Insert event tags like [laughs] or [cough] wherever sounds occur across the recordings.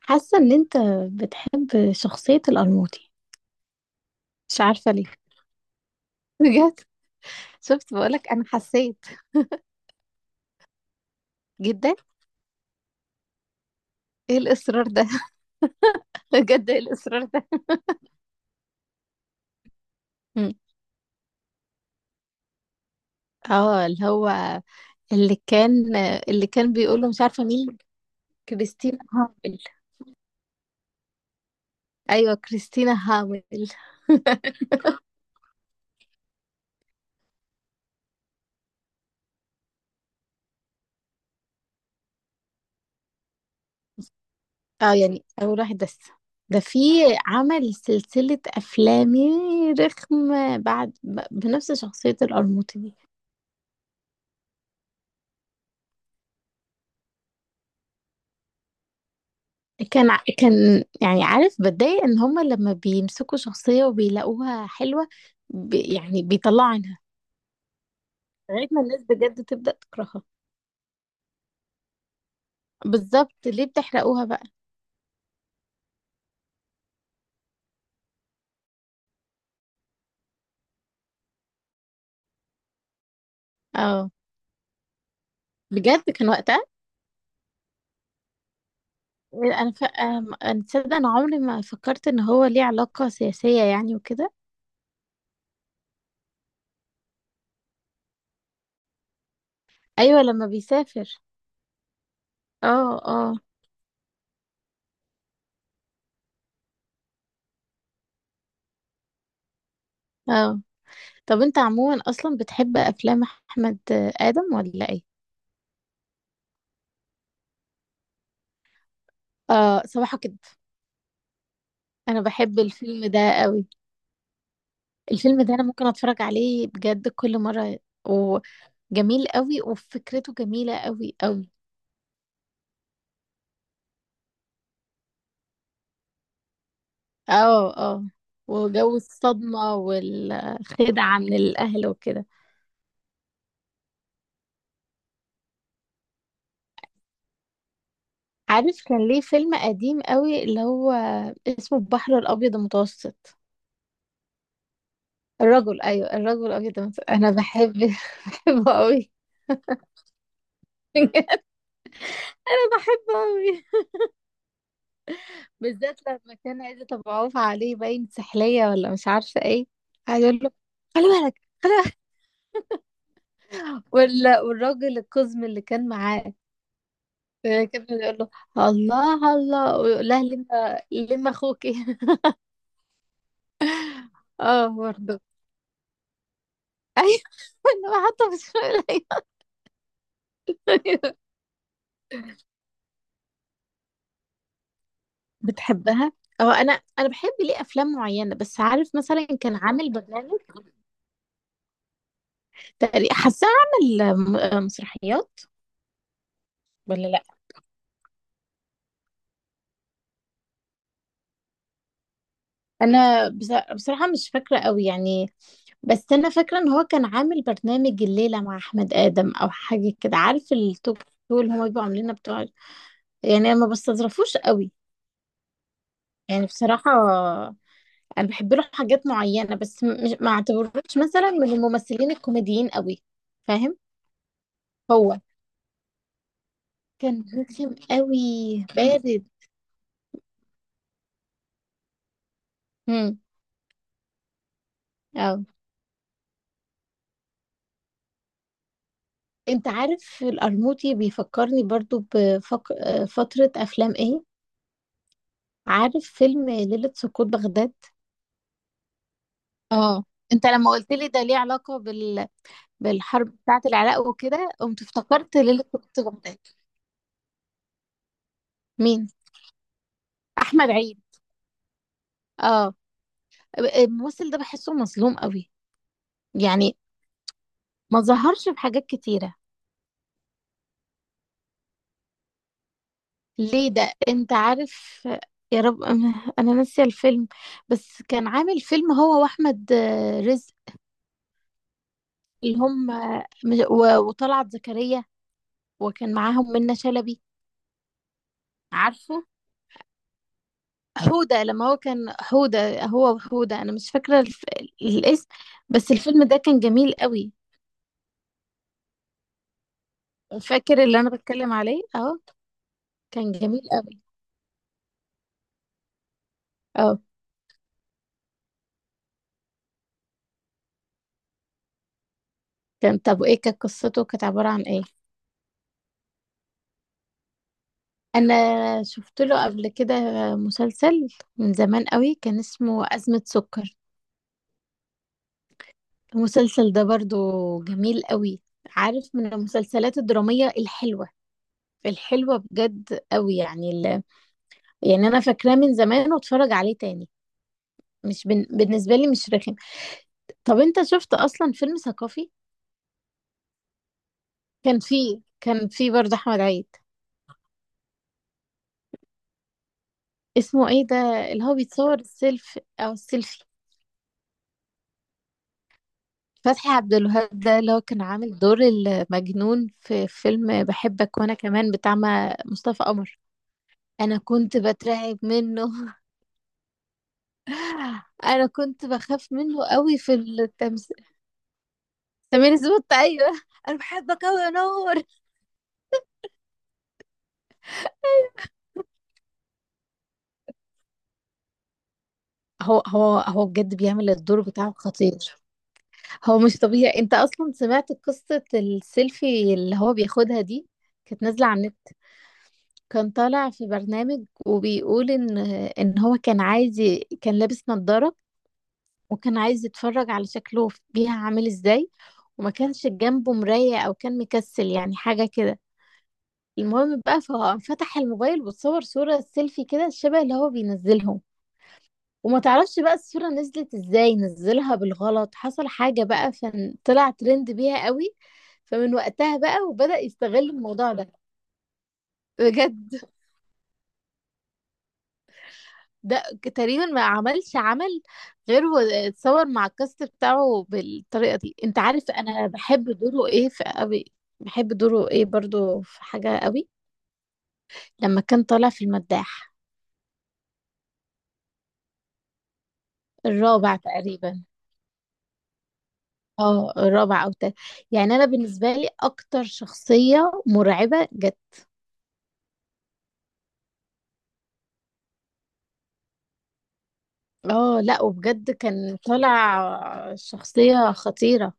حاسة ان انت بتحب شخصية القرموطي، مش عارفة ليه. بجد، شفت؟ بقولك انا حسيت جدا. ايه الاصرار ده؟ [laughs] بجد، ايه الاصرار ده؟ مم. اه، اللي كان اللي كان بيقوله، مش عارفة مين. كريستينا هامل. ايوه، كريستينا هامل. [laughs] اه، يعني اول واحد بس، ده في، عمل سلسلة افلام رخمة بعد بنفس شخصية القرموطي دي. كان ع- كان يعني عارف بتضايق ان هما لما بيمسكوا شخصية وبيلاقوها حلوة ب... يعني بيطلعوا عنها لغاية ما الناس بجد تبدأ تكرهها. بالظبط، ليه بتحرقوها بقى؟ اه، بجد كان وقتها. انا تصدق، انا عمري ما فكرت ان هو ليه علاقة سياسية يعني وكده. ايوه، لما بيسافر. اه اه اه. طب انت عموما اصلا بتحب افلام احمد ادم ولا ايه؟ اه، صباحك كده. انا بحب الفيلم ده قوي. الفيلم ده انا ممكن اتفرج عليه بجد كل مرة. وجميل قوي، وفكرته جميلة قوي قوي. اه اه. وجو الصدمة والخدعة من الاهل وكده. عارف كان ليه فيلم قديم قوي اللي هو اسمه البحر الابيض المتوسط. الرجل، ايوه الرجل الابيض المتوسط، انا بحب، [laughs] بحبه قوي. [laughs] انا بحبه قوي. بالذات لما كان عايزة ابقى عوف عليه، باين سحلية ولا مش عارفة ايه. عايز اقول له خلي بالك، خلي. والراجل القزم اللي كان معاه. آه، كان بيقول له الله الله، ويقول لها لما اخوكي. [laughs] اه، برضه. ايوه، [laughs] انا حاطه في الشغل. بتحبها؟ اه، انا بحب ليه افلام معينه، بس عارف مثلا كان عامل برنامج. تقريبا حاساه عامل مسرحيات. ولا، لا انا بصراحه مش فاكره قوي يعني. بس انا فاكره ان هو كان عامل برنامج الليله مع احمد ادم او حاجه كده، عارف التوك شو اللي هما بيبقوا عاملينها بتوع، يعني ما بستظرفوش قوي. يعني بصراحة، أنا بحب له حاجات معينة، بس مش، ما اعتبروش مثلا من الممثلين الكوميديين قوي، فاهم؟ هو كان رخم قوي، بارد. امم اه، انت عارف القرموطي بيفكرني برضو بفترة أفلام ايه. عارف فيلم ليلة سقوط بغداد؟ اه. انت لما قلت لي ده ليه علاقة بالحرب بتاعة العراق وكده، قمت افتكرت ليلة سقوط بغداد. مين؟ أحمد عيد. اه، الممثل ده بحسه مظلوم قوي يعني. ما ظهرش في حاجات كتيرة. ليه ده انت عارف، يا رب انا، أنا ناسية الفيلم. بس كان عامل فيلم هو واحمد، آه، رزق. اللي هم، آه، وطلعت زكريا، وكان معاهم منة شلبي، عارفه؟ حودة، لما هو كان حودة، هو وحودة، انا مش فاكرة الاسم. بس الفيلم ده كان جميل قوي. فاكر اللي انا بتكلم عليه؟ اه. كان جميل قوي. اه، كان، طب ايه كانت قصته، كانت عبارة عن ايه؟ انا شفت له قبل كده مسلسل من زمان قوي كان اسمه أزمة سكر. المسلسل ده برضو جميل قوي، عارف، من المسلسلات الدرامية الحلوة، الحلوة بجد قوي يعني يعني انا فاكراه من زمان واتفرج عليه تاني. مش بالنسبة لي مش رخم. طب انت شفت اصلا فيلم ثقافي؟ كان فيه برضو احمد عيد. اسمه ايه ده اللي هو بيتصور السيلف او السيلفي؟ فتحي عبد الوهاب ده اللي هو كان عامل دور المجنون في فيلم بحبك وانا كمان بتاع مصطفى قمر. انا كنت بترعب منه. [laughs] انا كنت بخاف منه قوي في التمثيل. سمير سبوت، ايوه. انا بحبك قوي يا نور. هو بجد بيعمل الدور بتاعه خطير. هو مش طبيعي، انت اصلا سمعت قصة السيلفي اللي هو بياخدها دي؟ كانت نازلة على النت. كان طالع في برنامج وبيقول ان هو كان عايز كان لابس نظارة، وكان عايز يتفرج على شكله بيها عامل ازاي. وما كانش جنبه مراية او كان مكسل يعني حاجة كده. المهم بقى ففتح الموبايل وتصور صورة سيلفي كده شبه اللي هو بينزلهم. وما تعرفش بقى الصورة نزلت ازاي، نزلها بالغلط، حصل حاجة بقى فطلع ترند بيها قوي. فمن وقتها بقى وبدأ يستغل الموضوع ده، بجد. ده تقريبا ما عملش عمل غير واتصور مع الكاست بتاعه بالطريقة دي. انت عارف انا بحب دوره ايه في قوي؟ بحب دوره ايه برضو في حاجة قوي لما كان طالع في المداح، الرابع تقريبا. اه، الرابع او تالت، يعني انا بالنسبة لي اكتر شخصية مرعبة جت. اه لا، وبجد كان طالع شخصية خطيرة.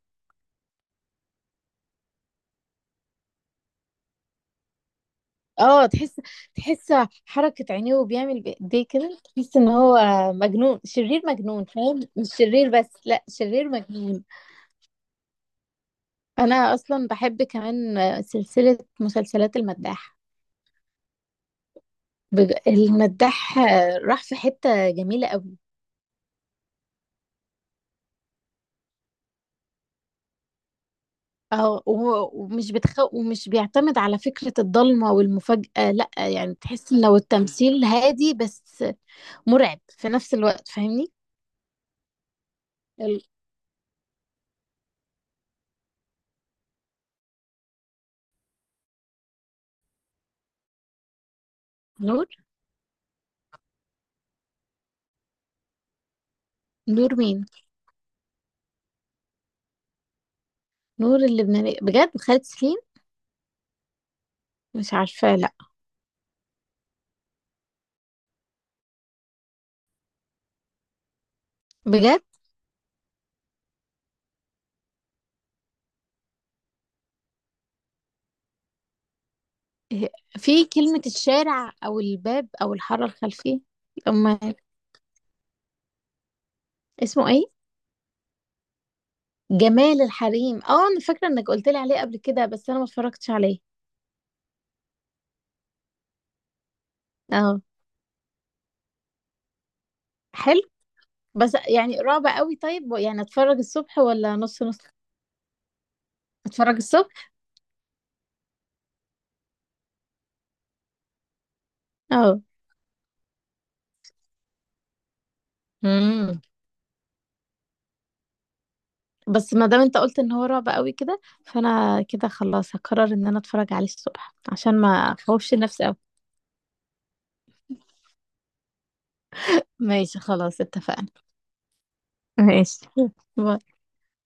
اه، تحس حركة عينيه وبيعمل بايديه كده، تحس ان هو مجنون شرير، مجنون، فاهم؟ مش شرير بس، لا، شرير مجنون. انا اصلا بحب كمان سلسلة مسلسلات المداح. المداح راح في حتة جميلة قوي. اه، ومش ومش بيعتمد على فكرة الضلمة والمفاجأة، لا يعني تحس ان لو التمثيل هادي بس مرعب في نفس الوقت، فاهمني؟ ال- نور نور مين؟ نور اللبنانية، بجد، خالد سليم، مش عارفة، لا. بجد هي- في كلمة الشارع أو الباب أو الحارة الخلفية. أما اسمه إيه؟ جمال الحريم. اه، أنا فاكرة إنك قلت لي عليه قبل كده، بس أنا ما اتفرجتش عليه. اه، حلو. بس يعني رعب قوي، طيب يعني أتفرج الصبح ولا نص نص؟ أتفرج الصبح. اه. امم. بس ما دام انت قلت ان هو رعب قوي كده، فانا كده خلاص هقرر ان انا اتفرج عليه الصبح عشان ما اخوفش نفسي قوي. ماشي، خلاص اتفقنا. ماشي. باي.